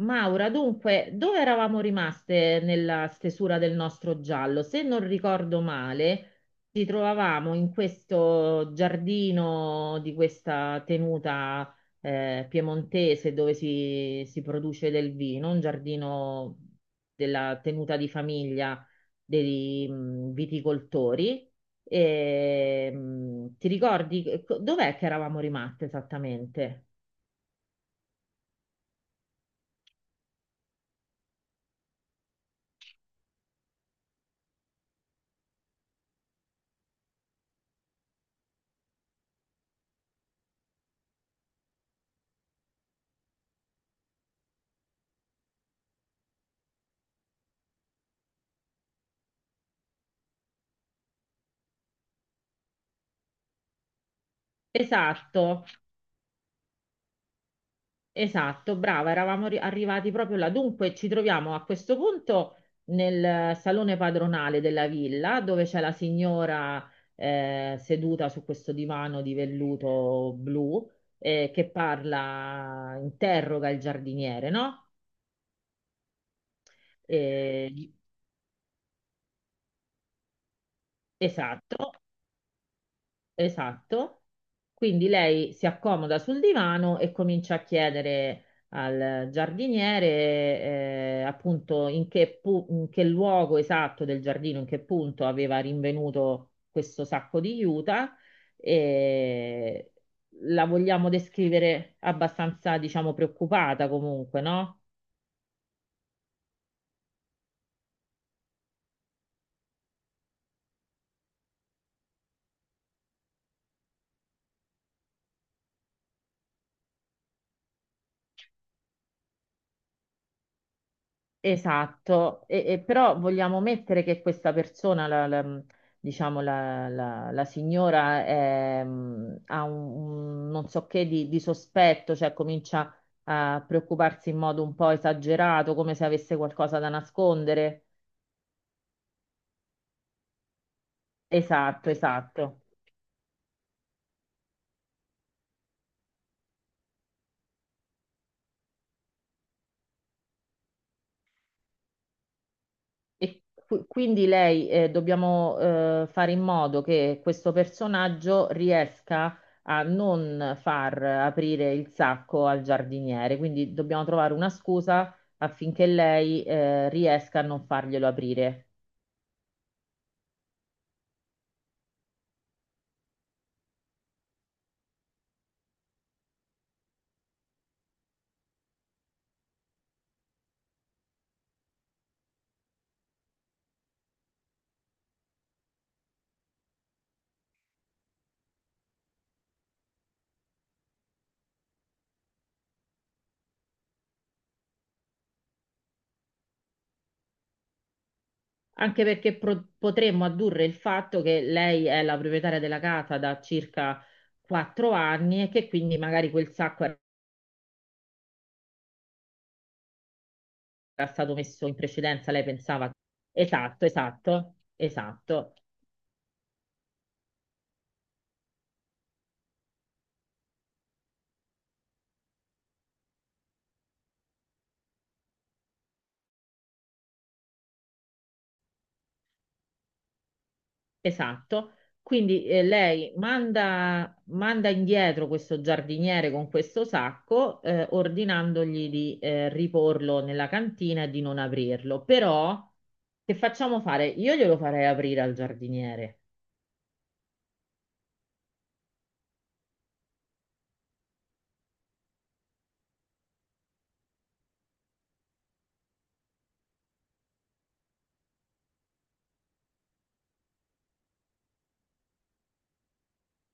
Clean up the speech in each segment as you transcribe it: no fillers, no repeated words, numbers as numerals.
Maura, dunque, dove eravamo rimaste nella stesura del nostro giallo? Se non ricordo male, ci trovavamo in questo giardino di questa tenuta piemontese dove si produce del vino, un giardino della tenuta di famiglia dei viticoltori. E, ti ricordi dov'è che eravamo rimaste esattamente? Esatto. Esatto, brava, eravamo arrivati proprio là. Dunque, ci troviamo a questo punto nel salone padronale della villa, dove c'è la signora seduta su questo divano di velluto blu, che parla, interroga il giardiniere, no? Eh, gli- esatto, esatto. Quindi lei si accomoda sul divano e comincia a chiedere al giardiniere appunto in che, in che luogo esatto del giardino, in che punto aveva rinvenuto questo sacco di juta. E la vogliamo descrivere abbastanza, diciamo, preoccupata comunque, no? Esatto, e però vogliamo mettere che questa persona, diciamo la signora, è, ha un non so che di sospetto, cioè comincia a preoccuparsi in modo un po' esagerato, come se avesse qualcosa da nascondere. Esatto, esatto. E quindi lei dobbiamo fare in modo che questo personaggio riesca a non far aprire il sacco al giardiniere, quindi dobbiamo trovare una scusa affinché lei riesca a non farglielo aprire. Anche perché potremmo addurre il fatto che lei è la proprietaria della casa da circa 4 anni e che quindi magari quel sacco era stato messo in precedenza, lei pensava. Esatto, esatto, esatto. Esatto, quindi lei manda indietro questo giardiniere con questo sacco, ordinandogli di riporlo nella cantina e di non aprirlo. Però, che facciamo fare? Io glielo farei aprire al giardiniere.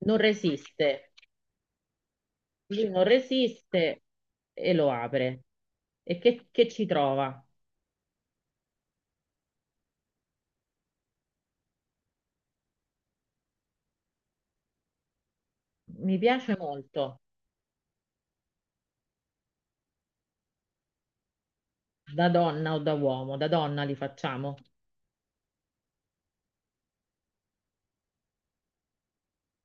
Non resiste, lui non resiste e lo apre. E che ci trova? Mi piace molto, da donna o da uomo, da donna li facciamo.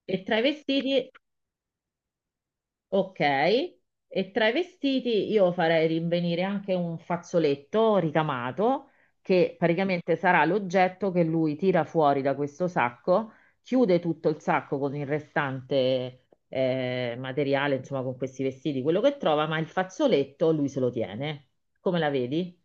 E tra i vestiti, ok, e tra i vestiti io farei rinvenire anche un fazzoletto ricamato che praticamente sarà l'oggetto che lui tira fuori da questo sacco, chiude tutto il sacco con il restante materiale, insomma con questi vestiti, quello che trova, ma il fazzoletto lui se lo tiene. Come la vedi?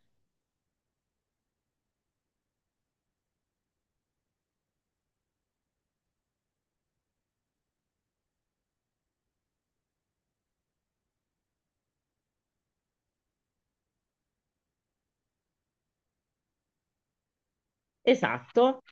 Esatto.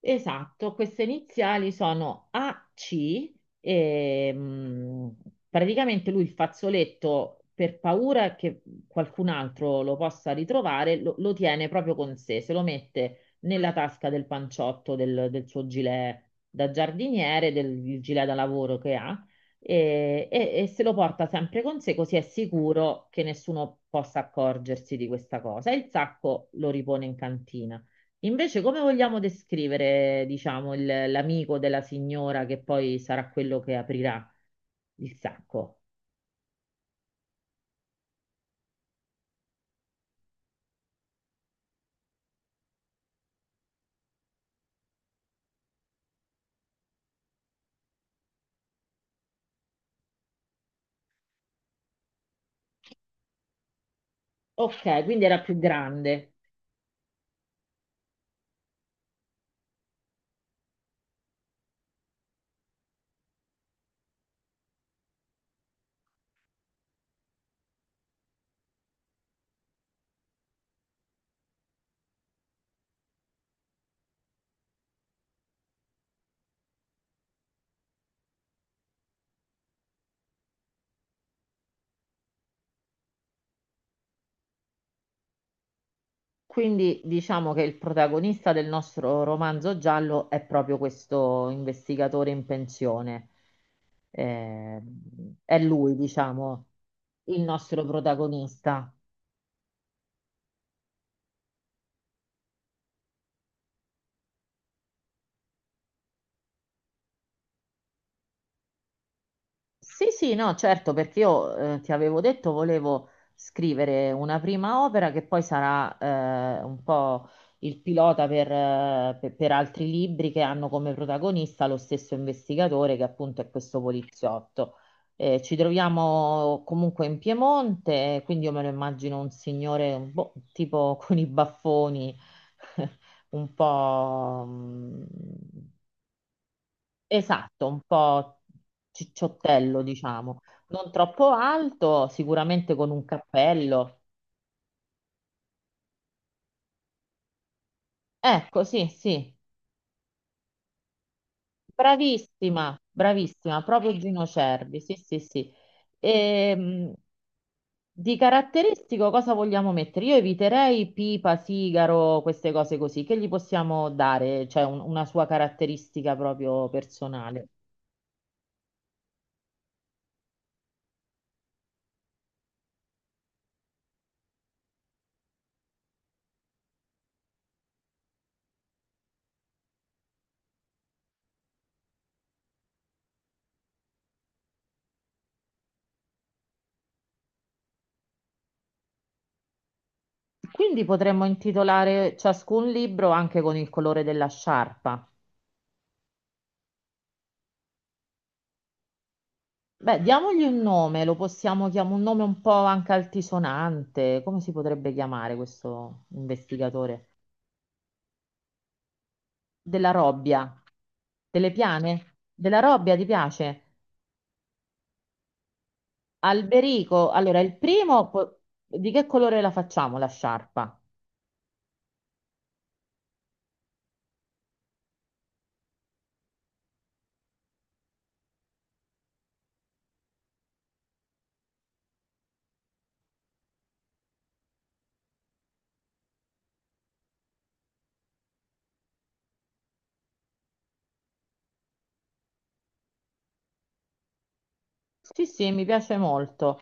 Esatto, queste iniziali sono AC e praticamente lui il fazzoletto per paura che qualcun altro lo possa ritrovare, lo tiene proprio con sé, se lo mette nella tasca del panciotto del suo gilet da giardiniere, del il gilet da lavoro che ha e se lo porta sempre con sé così è sicuro che nessuno possa accorgersi di questa cosa. E il sacco lo ripone in cantina. Invece, come vogliamo descrivere, diciamo, l'amico della signora che poi sarà quello che aprirà il sacco? Ok, quindi era più grande. Quindi diciamo che il protagonista del nostro romanzo giallo è proprio questo investigatore in pensione. Eh, è lui, diciamo, il nostro protagonista. Sì, sì, no, certo, perché io ti avevo detto volevo scrivere una prima opera che poi sarà un po' il pilota per, per altri libri che hanno come protagonista lo stesso investigatore che appunto è questo poliziotto. Ci troviamo comunque in Piemonte, quindi io me lo immagino un signore boh, tipo con i baffoni un po' esatto, un po' cicciottello, diciamo, non troppo alto, sicuramente con un cappello. Ecco, sì, sì, bravissima, bravissima, proprio Gino Cervi, sì, sì, sì. Ehm, di caratteristico cosa vogliamo mettere? Io eviterei pipa, sigaro, queste cose così, che gli possiamo dare, cioè una sua caratteristica proprio personale. Quindi potremmo intitolare ciascun libro anche con il colore della sciarpa. Beh, diamogli un nome, lo possiamo chiamare un nome un po' anche altisonante. Come si potrebbe chiamare questo investigatore? Della Robbia. Delle piane? Della Robbia, ti piace? Alberico. Allora, il primo, di che colore la facciamo la sciarpa? Sì, sì, mi piace molto.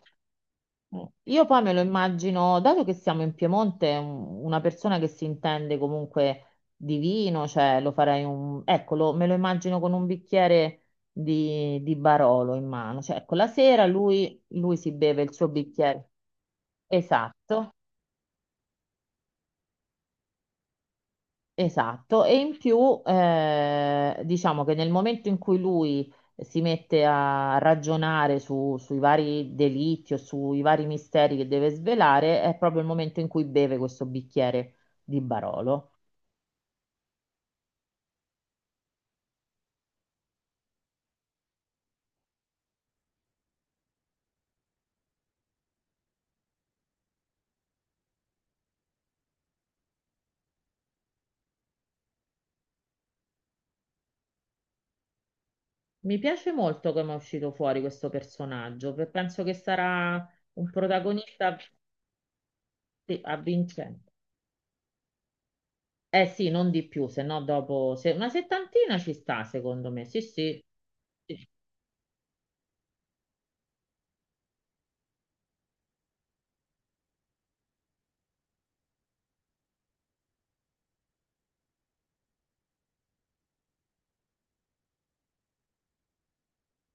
Mm. Io poi me lo immagino, dato che siamo in Piemonte, una persona che si intende comunque di vino, cioè lo farei un... Ecco, me lo immagino con un bicchiere di Barolo in mano, cioè ecco, la sera lui si beve il suo bicchiere. Esatto, esatto, e in più diciamo che nel momento in cui lui si mette a ragionare sui vari delitti o sui vari misteri che deve svelare, è proprio il momento in cui beve questo bicchiere di Barolo. Mi piace molto come è uscito fuori questo personaggio, penso che sarà un protagonista sì, avvincente. Eh sì, non di più, se no dopo una settantina ci sta, secondo me. Sì, sì.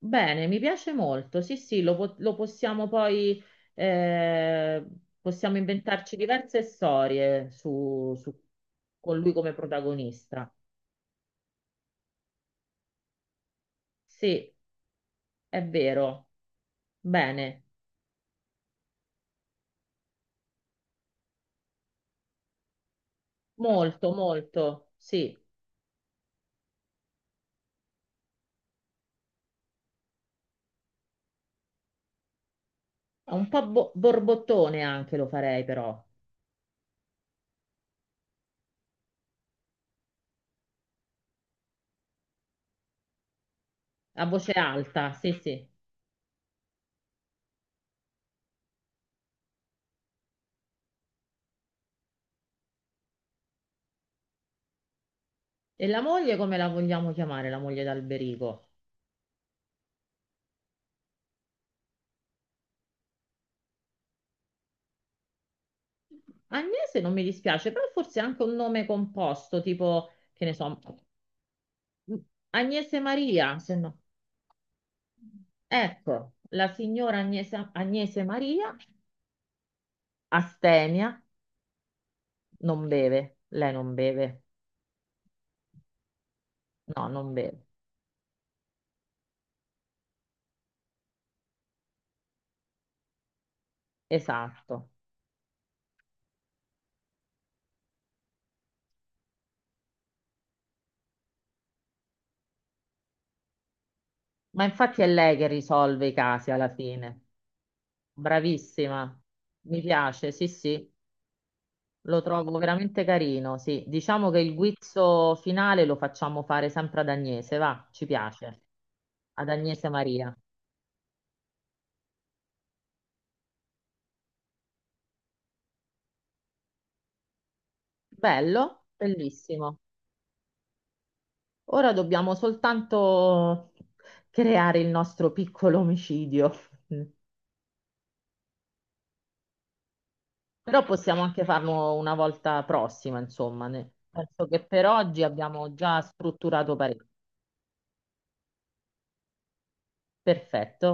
Bene, mi piace molto. Sì, sì, lo possiamo poi, eh, possiamo inventarci diverse storie con lui come protagonista. Sì, è vero. Bene, molto, molto. Sì, è un po' borbottone anche lo farei però, a voce alta. Sì, sì. E la moglie come la vogliamo chiamare, la moglie d'Alberico? Agnese non mi dispiace, però forse anche un nome composto, tipo, che ne so. Agnese Maria, se no. Ecco, la signora Agnese, Agnese Maria, astemia, non beve. Lei non beve. No, non beve. Esatto. Ma infatti è lei che risolve i casi alla fine. Bravissima. Mi piace, sì, sì. Lo trovo veramente carino, sì. Diciamo che il guizzo finale lo facciamo fare sempre ad Agnese, va, ci piace. Ad Agnese Maria. Bello, bellissimo. Ora dobbiamo soltanto creare il nostro piccolo omicidio, mm. Però possiamo anche farlo una volta prossima, insomma. Penso che per oggi abbiamo già strutturato parecchio. Perfetto.